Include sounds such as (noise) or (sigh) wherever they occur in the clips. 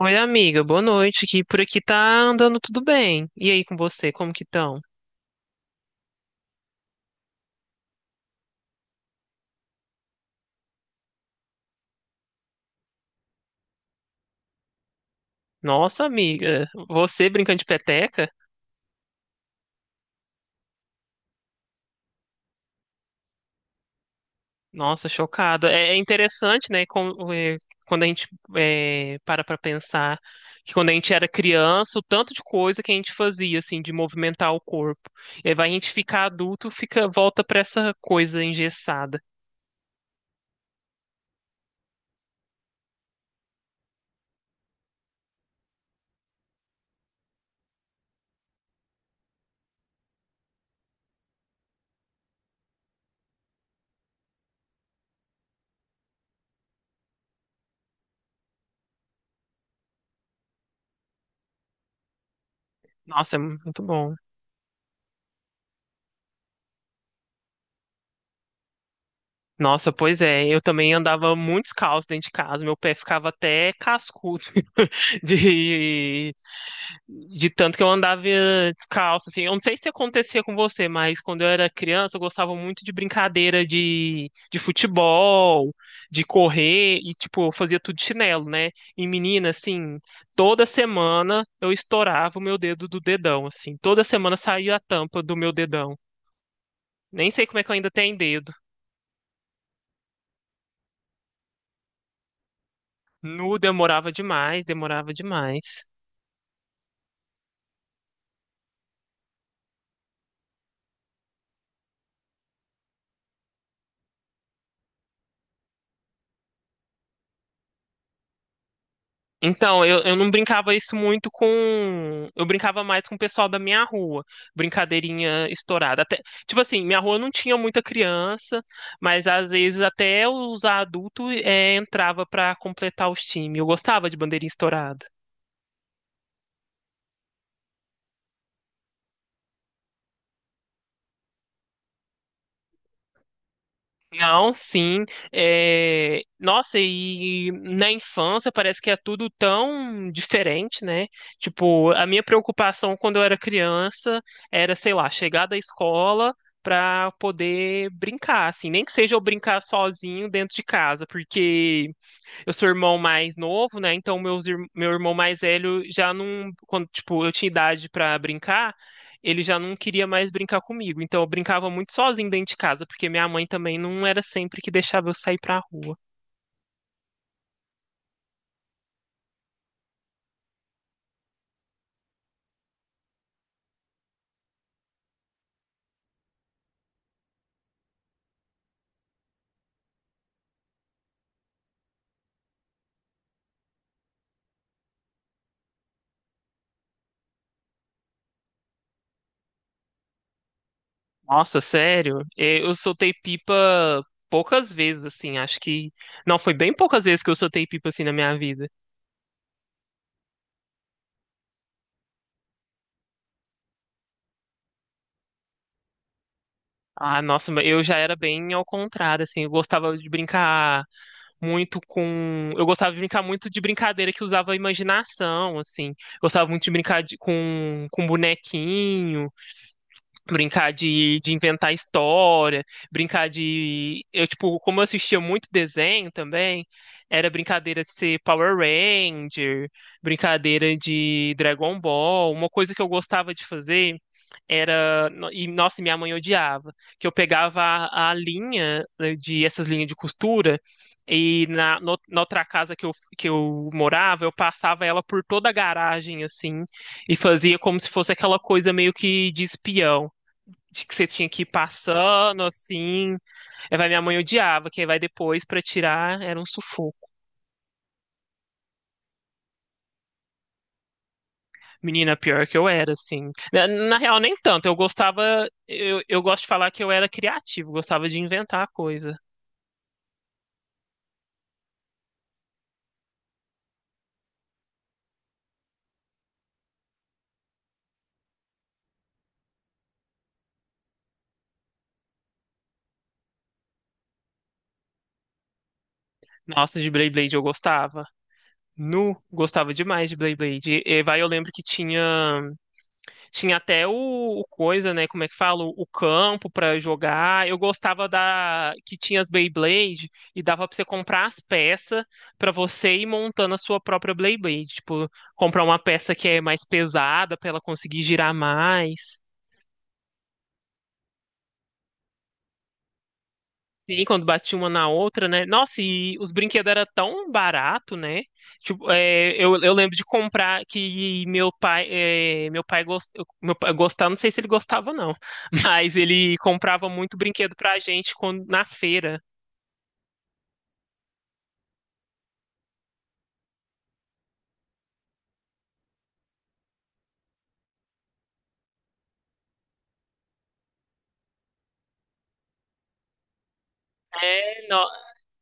Oi, amiga, boa noite. Que por aqui tá andando tudo bem. E aí com você, como que estão? Nossa, amiga, você brincando de peteca? Nossa, chocada. É interessante, né? Quando a gente para pra pensar que quando a gente era criança, o tanto de coisa que a gente fazia, assim, de movimentar o corpo. E aí vai a gente ficar adulto, fica, volta pra essa coisa engessada. Nossa, é muito bom. Nossa, pois é, eu também andava muito descalço dentro de casa, meu pé ficava até cascudo (laughs) de, de tanto que eu andava descalço, assim, eu não sei se acontecia com você, mas quando eu era criança eu gostava muito de brincadeira de futebol, de correr, e tipo, eu fazia tudo de chinelo, né, e menina, assim, toda semana eu estourava o meu dedo do dedão, assim, toda semana saía a tampa do meu dedão, nem sei como é que eu ainda tenho dedo. Nu, demorava demais, demorava demais. Então, eu não brincava isso muito com. Eu brincava mais com o pessoal da minha rua. Brincadeirinha estourada. Até, tipo assim, minha rua não tinha muita criança, mas às vezes até os adultos entrava pra completar os times. Eu gostava de bandeirinha estourada. Não, sim. É, nossa, e na infância parece que é tudo tão diferente, né? Tipo, a minha preocupação quando eu era criança era, sei lá, chegar da escola pra poder brincar, assim, nem que seja eu brincar sozinho dentro de casa, porque eu sou irmão mais novo, né? Então meu irmão mais velho já não, quando tipo eu tinha idade pra brincar, ele já não queria mais brincar comigo. Então eu brincava muito sozinho dentro de casa, porque minha mãe também não era sempre que deixava eu sair pra rua. Nossa, sério? Eu soltei pipa poucas vezes, assim. Acho que não foi bem poucas vezes que eu soltei pipa assim na minha vida. Ah, nossa, mas eu já era bem ao contrário, assim. Eu gostava de brincar muito com. Eu gostava de brincar muito de brincadeira que usava a imaginação, assim. Gostava muito de brincar com bonequinho brincar de inventar história, brincar de. Eu, tipo, como eu assistia muito desenho também, era brincadeira de ser Power Ranger, brincadeira de Dragon Ball. Uma coisa que eu gostava de fazer era. E, nossa, minha mãe odiava, que eu pegava a linha né, de essas linhas de costura. E na outra casa que eu morava, eu passava ela por toda a garagem, assim, e fazia como se fosse aquela coisa meio que de espião de que você tinha que ir passando assim. Aí vai, minha mãe odiava, quem vai depois pra tirar era um sufoco. Menina, pior que eu era, assim. Na real, nem tanto. Eu gostava, eu gosto de falar que eu era criativo, gostava de inventar coisa. Nossa, de Beyblade eu gostava. Nu, gostava demais de Beyblade. E vai, eu lembro que tinha tinha até o coisa, né? Como é que fala? O campo pra jogar. Eu gostava da que tinha as Beyblade e dava pra você comprar as peças pra você ir montando a sua própria Beyblade. Tipo, comprar uma peça que é mais pesada pra ela conseguir girar mais. Sim, quando batia uma na outra, né? Nossa, e os brinquedos eram tão barato, né? Tipo, eu lembro de comprar que meu pai, é, meu pai, gost, meu pai gostava, não sei se ele gostava não, (laughs) mas ele comprava muito brinquedo pra gente quando, na feira. É, no-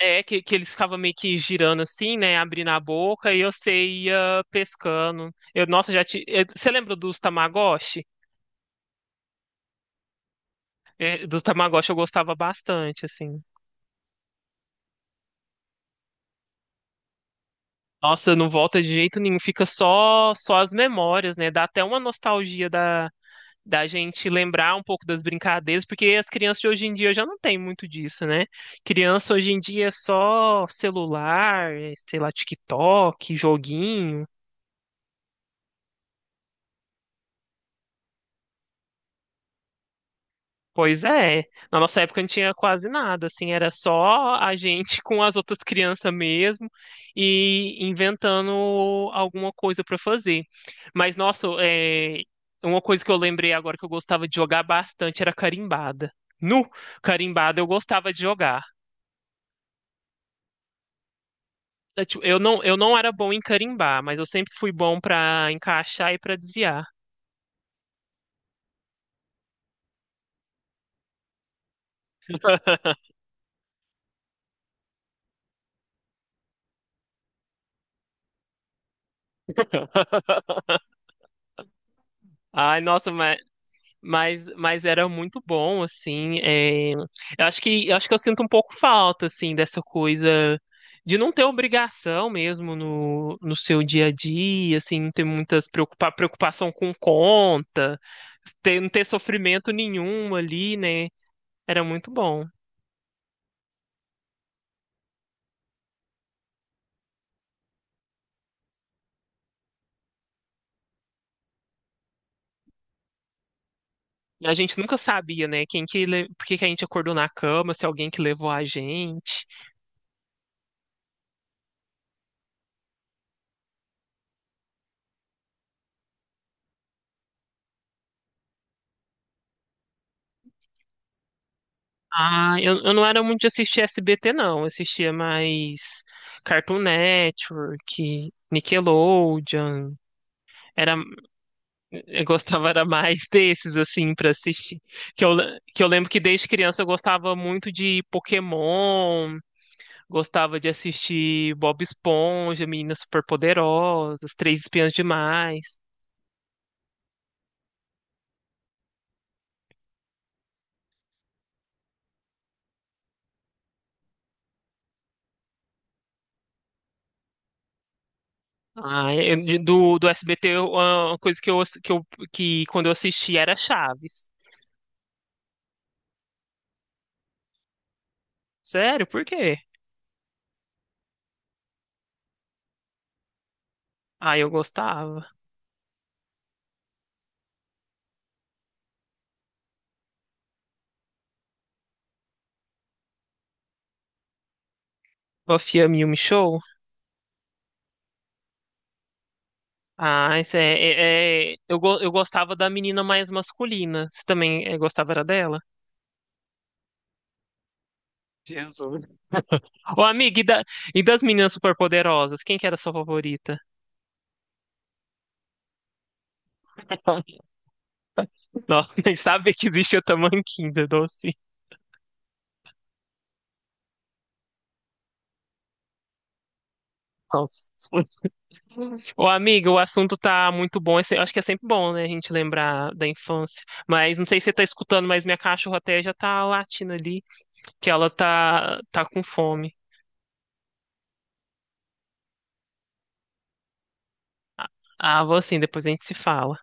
é que eles ficavam meio que girando assim, né? Abrindo a boca e você ia pescando. Eu, nossa, você lembra dos Tamagotchi? É, dos Tamagotchi eu gostava bastante, assim. Nossa, não volta de jeito nenhum, fica só as memórias, né? Dá até uma nostalgia da, da gente lembrar um pouco das brincadeiras, porque as crianças de hoje em dia já não tem muito disso, né? Criança hoje em dia é só celular, sei lá, TikTok, joguinho. Pois é. Na nossa época não tinha quase nada, assim, era só a gente (laughs) com as outras crianças mesmo e inventando alguma coisa para fazer. Mas, nossa, uma coisa que eu lembrei agora que eu gostava de jogar bastante era carimbada. No carimbada eu gostava de jogar. Eu tipo, eu não era bom em carimbar, mas eu sempre fui bom para encaixar e para desviar. Ai, nossa, mas era muito bom, assim. Eu acho que eu sinto um pouco falta, assim, dessa coisa de não ter obrigação mesmo no seu dia a dia, assim, não ter muitas preocupação com conta, não ter sofrimento nenhum ali, né? Era muito bom. A gente nunca sabia, né? Por que que a gente acordou na cama, se alguém que levou a gente. Ah, eu não era muito de assistir SBT, não. Eu assistia mais Cartoon Network, Nickelodeon. Era, eu gostava era mais (laughs) desses, assim, pra assistir. Que que eu lembro que desde criança eu gostava muito de Pokémon, gostava de assistir Bob Esponja, Meninas Superpoderosas, Três Espiãs Demais. Ah, do SBT, uma coisa que eu, ass- que eu, que quando eu assistia era Chaves. Sério, por quê? Ah, eu gostava. Buffy a Yumi Show? Ah, isso eu gostava da menina mais masculina. Você também gostava era dela? Jesus. Ô, amiga, e das meninas superpoderosas? Quem que era a sua favorita? Nossa, (laughs) nem sabe que existe a Tamanquinha, doce. Nossa. Ô, amiga, o assunto tá muito bom. Eu acho que é sempre bom, né, a gente lembrar da infância. Mas não sei se você tá escutando, mas minha cachorra até já tá latindo ali, que ela tá com fome. Ah, vou assim, depois a gente se fala.